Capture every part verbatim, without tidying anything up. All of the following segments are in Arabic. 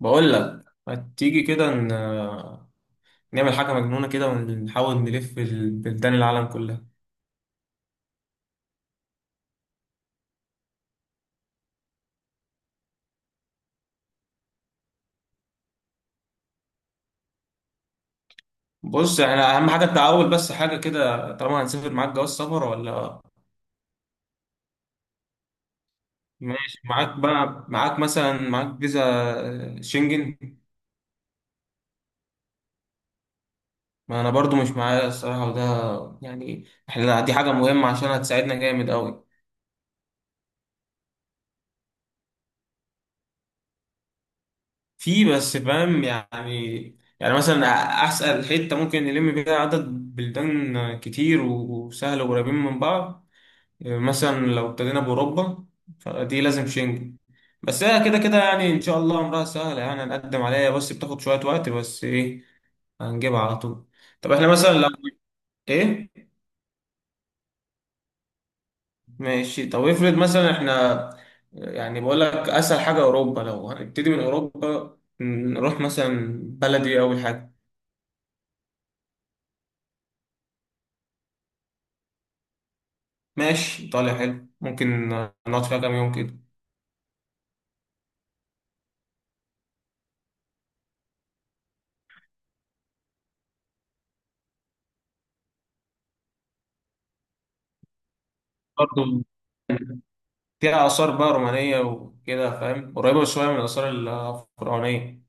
بقول لك ما تيجي كده ن- نعمل حاجة مجنونة كده ونحاول نلف ال- بلدان العالم كلها. بص احنا أهم حاجة التعاون، بس حاجة كده، طالما هنسافر معاك جواز سفر ولا؟ ماشي، معاك بقى، معاك مثلا معاك فيزا آه، شنجن. ما أنا برضو مش معايا الصراحة، وده يعني احنا دي حاجة مهمة عشان هتساعدنا جامد أوي. في، بس فاهم يعني، يعني مثلا أسأل حتة ممكن نلم بيها عدد بلدان كتير وسهل وقريبين من بعض. مثلا لو ابتدينا بأوروبا فدي لازم شنجن، بس هي كده كده يعني إن شاء الله أمرها سهلة، يعني هنقدم عليها بس بتاخد شوية وقت، بس إيه، هنجيبها على طول. طب إحنا مثلا لو إيه، ماشي. طب افرض مثلا إحنا، يعني بقول لك أسهل حاجة أوروبا، لو هنبتدي من أوروبا نروح مثلا بلدي أول حاجة. ماشي، إيطاليا حلو، ممكن نقعد فيها كام يوم كده. برضه فيها آثار بقى رومانية وكده، فاهم، قريبة شوية من الآثار الفرعونية.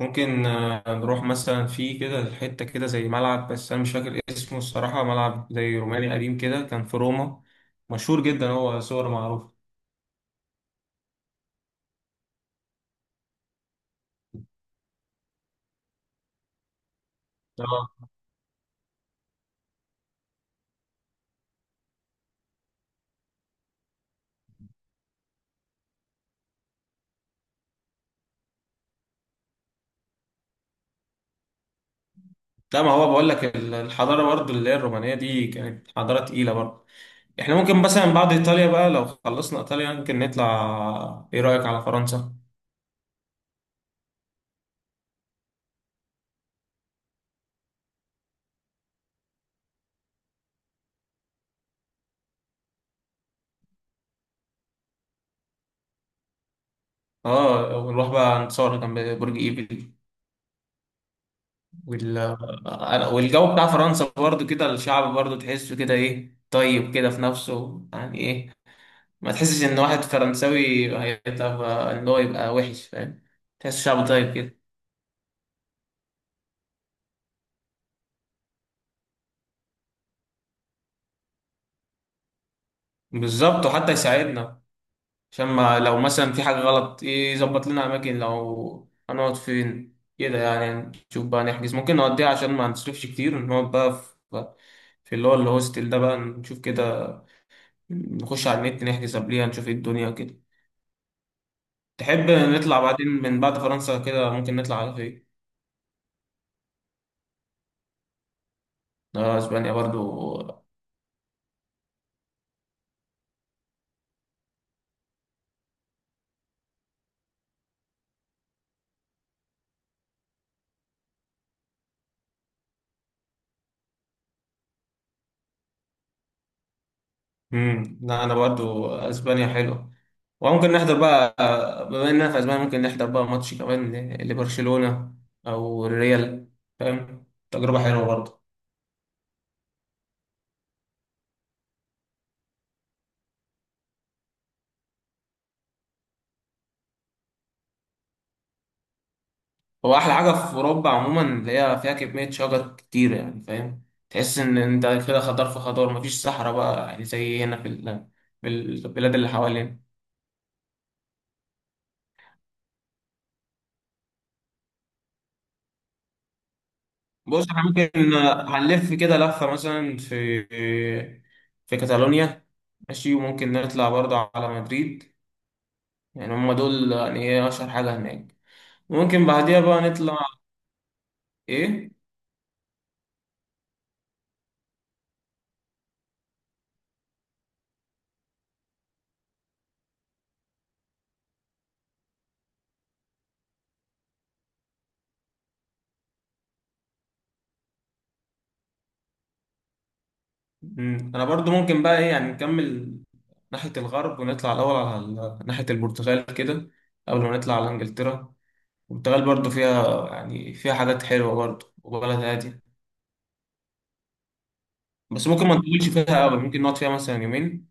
ممكن آه، نروح مثلا في كده حتة كده زي ملعب، بس أنا مش فاكر اسمه الصراحة، ملعب زي روماني قديم كده كان في روما، مشهور جدا، هو صور معروف. اه لا، ما هو بقول لك ال- الحضارة برضو اللي هي الرومانية دي كانت حضارة تقيلة برضو. احنا ممكن مثلا بعد إيطاليا بقى، لو خلصنا إيطاليا ممكن نطلع، إيه رأيك على فرنسا؟ اه ونروح بقى نتصور جنب برج إيفل. وال... آه، والجو بتاع فرنسا برضو كده، الشعب برضو تحسه كده إيه، طيب كده في نفسه يعني إيه، ما تحسش ان واحد فرنساوي هيبقى ان هو يبقى وحش، فاهم، تحس شعب طيب كده. بالظبط، وحتى يساعدنا عشان ما، لو مثلا في حاجة غلط يظبط لنا اماكن لو هنقعد فين كده، يعني نشوف بقى نحجز، ممكن نوديها عشان ما نصرفش كتير، نقعد بقى في، في اللي هو الهوستل ده بقى، نشوف كده، نخش على النت نحجز قبليها، نشوف ايه الدنيا كده. تحب نطلع بعدين من بعد فرنسا كده، ممكن نطلع على فين؟ آه، اسبانيا برضو. امم لا، انا برضو اسبانيا حلوه، وممكن نحضر بقى، بما اننا في اسبانيا ممكن نحضر بقى ماتش كمان ل- لبرشلونه او الريال، فاهم، تجربه حلوه برضو. هو احلى حاجه في اوروبا عموما اللي هي فيها كميه شجر كتير، يعني فاهم، تحس ان انت كده خضار في خضار، مفيش صحراء بقى يعني زي هنا في ال- في البلاد اللي حوالينا. بص احنا ممكن هنلف كده لفه مثلا في، في كاتالونيا، ماشي، وممكن نطلع برضو على مدريد. يعني هم دول يعني ايه اشهر حاجة هناك. ممكن بعديها بقى نطلع، ايه. مم. انا برضو ممكن بقى ايه، يعني نكمل ناحية الغرب ونطلع الاول على ال- ناحية البرتغال كده، قبل ما نطلع على انجلترا. البرتغال برضو فيها يعني فيها حاجات حلوة برضو، وبلد هادية، بس ممكن ما نطولش فيها قوي، ممكن نقعد فيها مثلا يومين.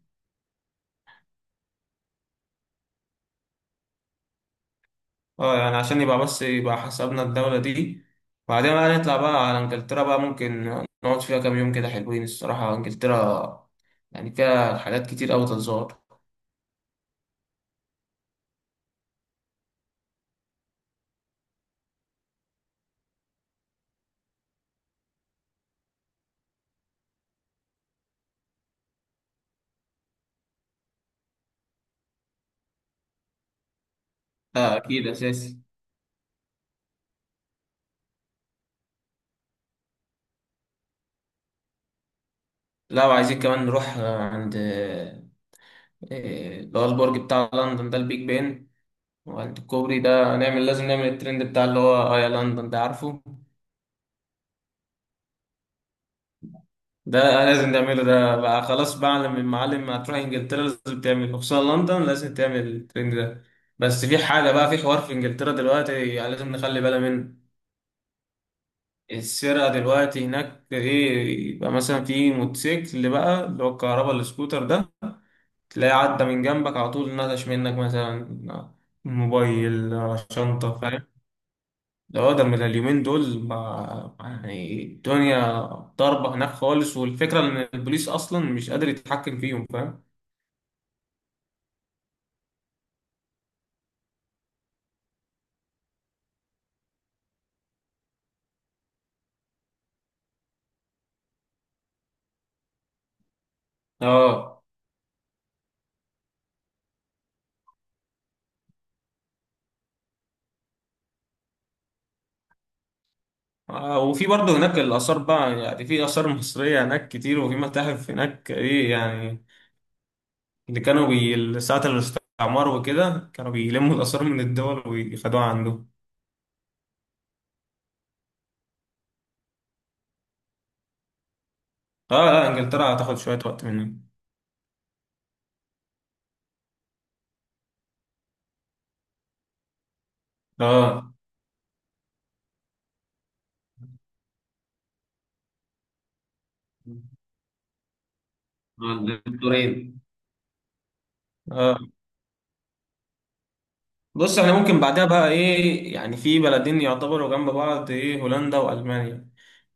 اه يعني عشان يبقى، بس يبقى حسبنا الدولة دي. بعدين بقى نطلع بقى على انجلترا بقى، ممكن نقعد فيها كام يوم كده، حلوين الصراحة انجلترا، يعني فيها حاجات كتير أوي تتزار. اه أكيد أساسي. لا، وعايزين كمان نروح آه، عند آه، اللي هو البرج بتاع لندن ده، البيج بن، وعند الكوبري ده نعمل، لازم نعمل الترند بتاع اللي هو اه يا لندن ده، عارفه، ده لازم تعمله ده بقى، خلاص بقى، من معلم، ما تروح انجلترا لازم تعمل، خصوصا لندن لازم تعمل الترند ده. بس في حاجة بقى، في حوار في انجلترا دلوقتي يعني لازم نخلي بالنا منه. السرقة دلوقتي هناك، ايه، يبقى مثلا في موتوسيكل اللي بقى اللي هو الكهرباء، السكوتر ده، تلاقيه عدى من جنبك على طول، نطش منك مثلا موبايل، شنطة، فاهم، ده هو ده من اليومين دول ما يعني، الدنيا ضاربة هناك خالص، والفكرة إن البوليس أصلا مش قادر يتحكم فيهم فاهم؟ آه. آه، وفي برضه هناك الآثار بقى، يعني في آثار مصرية هناك كتير، وفي متاحف هناك إيه يعني، اللي كانوا بي ساعة الاستعمار وكده كانوا بيلموا الآثار من الدول ويخدوها عندهم. آه. آه، إنجلترا هتاخد شوية وقت منهم. آه، عند الدكتورين. آه. بص احنا ممكن بعدها بقى ايه، يعني في بلدين يعتبروا جنب بعض، ايه، هولندا والمانيا.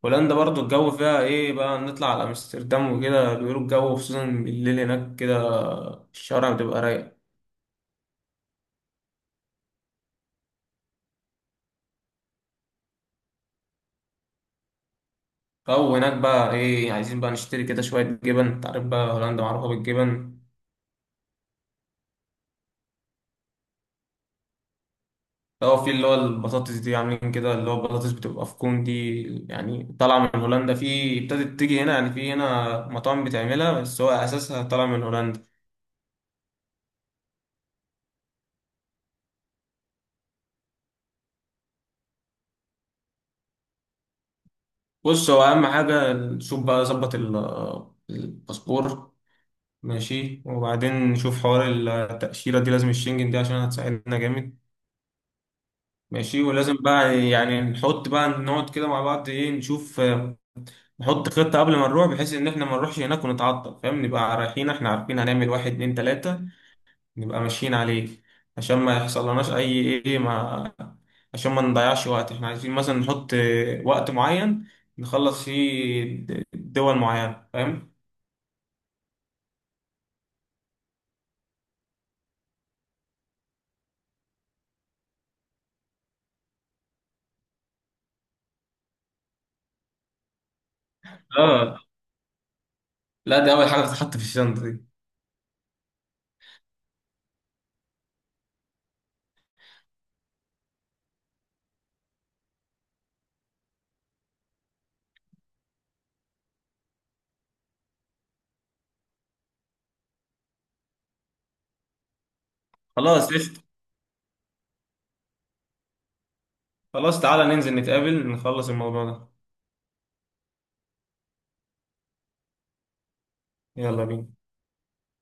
هولندا برضو الجو فيها ايه، بقى نطلع على امستردام وكده بيقولوا الجو خصوصا بالليل هناك كده، الشوارع بتبقى رايقة. او هناك بقى ايه، عايزين بقى نشتري كده شوية جبن، انت عارف بقى هولندا معروفة بالجبن. لو في اللي هو البطاطس دي عاملين كده، اللي هو البطاطس بتبقى في كون دي، يعني طالعة من هولندا، في ابتدت تيجي هنا، يعني في هنا مطاعم بتعملها، بس هو اساسها طالع من هولندا. بص هو اهم حاجه نشوف بقى ظبط ال- الباسبور. ماشي، وبعدين نشوف حوار التاشيره دي، لازم الشنجن دي عشان هتساعدنا جامد. ماشي، ولازم بقى يعني نحط بقى، نقعد كده مع بعض ايه، نشوف نحط خطه قبل ما نروح، بحيث ان احنا ما نروحش هناك ونتعطل، فاهم، نبقى رايحين احنا عارفين هنعمل واحد اتنين تلاته، نبقى ماشيين عليه، عشان ما يحصل لناش اي ايه ما، عشان ما نضيعش وقت، احنا عايزين مثلا نحط وقت معين نخلص فيه دول معينة، فاهم. اه لا، دي اول حاجة بتتحط في الشنطة دي. خلاص قشطة. خلاص تعالى ننزل نتقابل نخلص الموضوع ده. يلا بينا.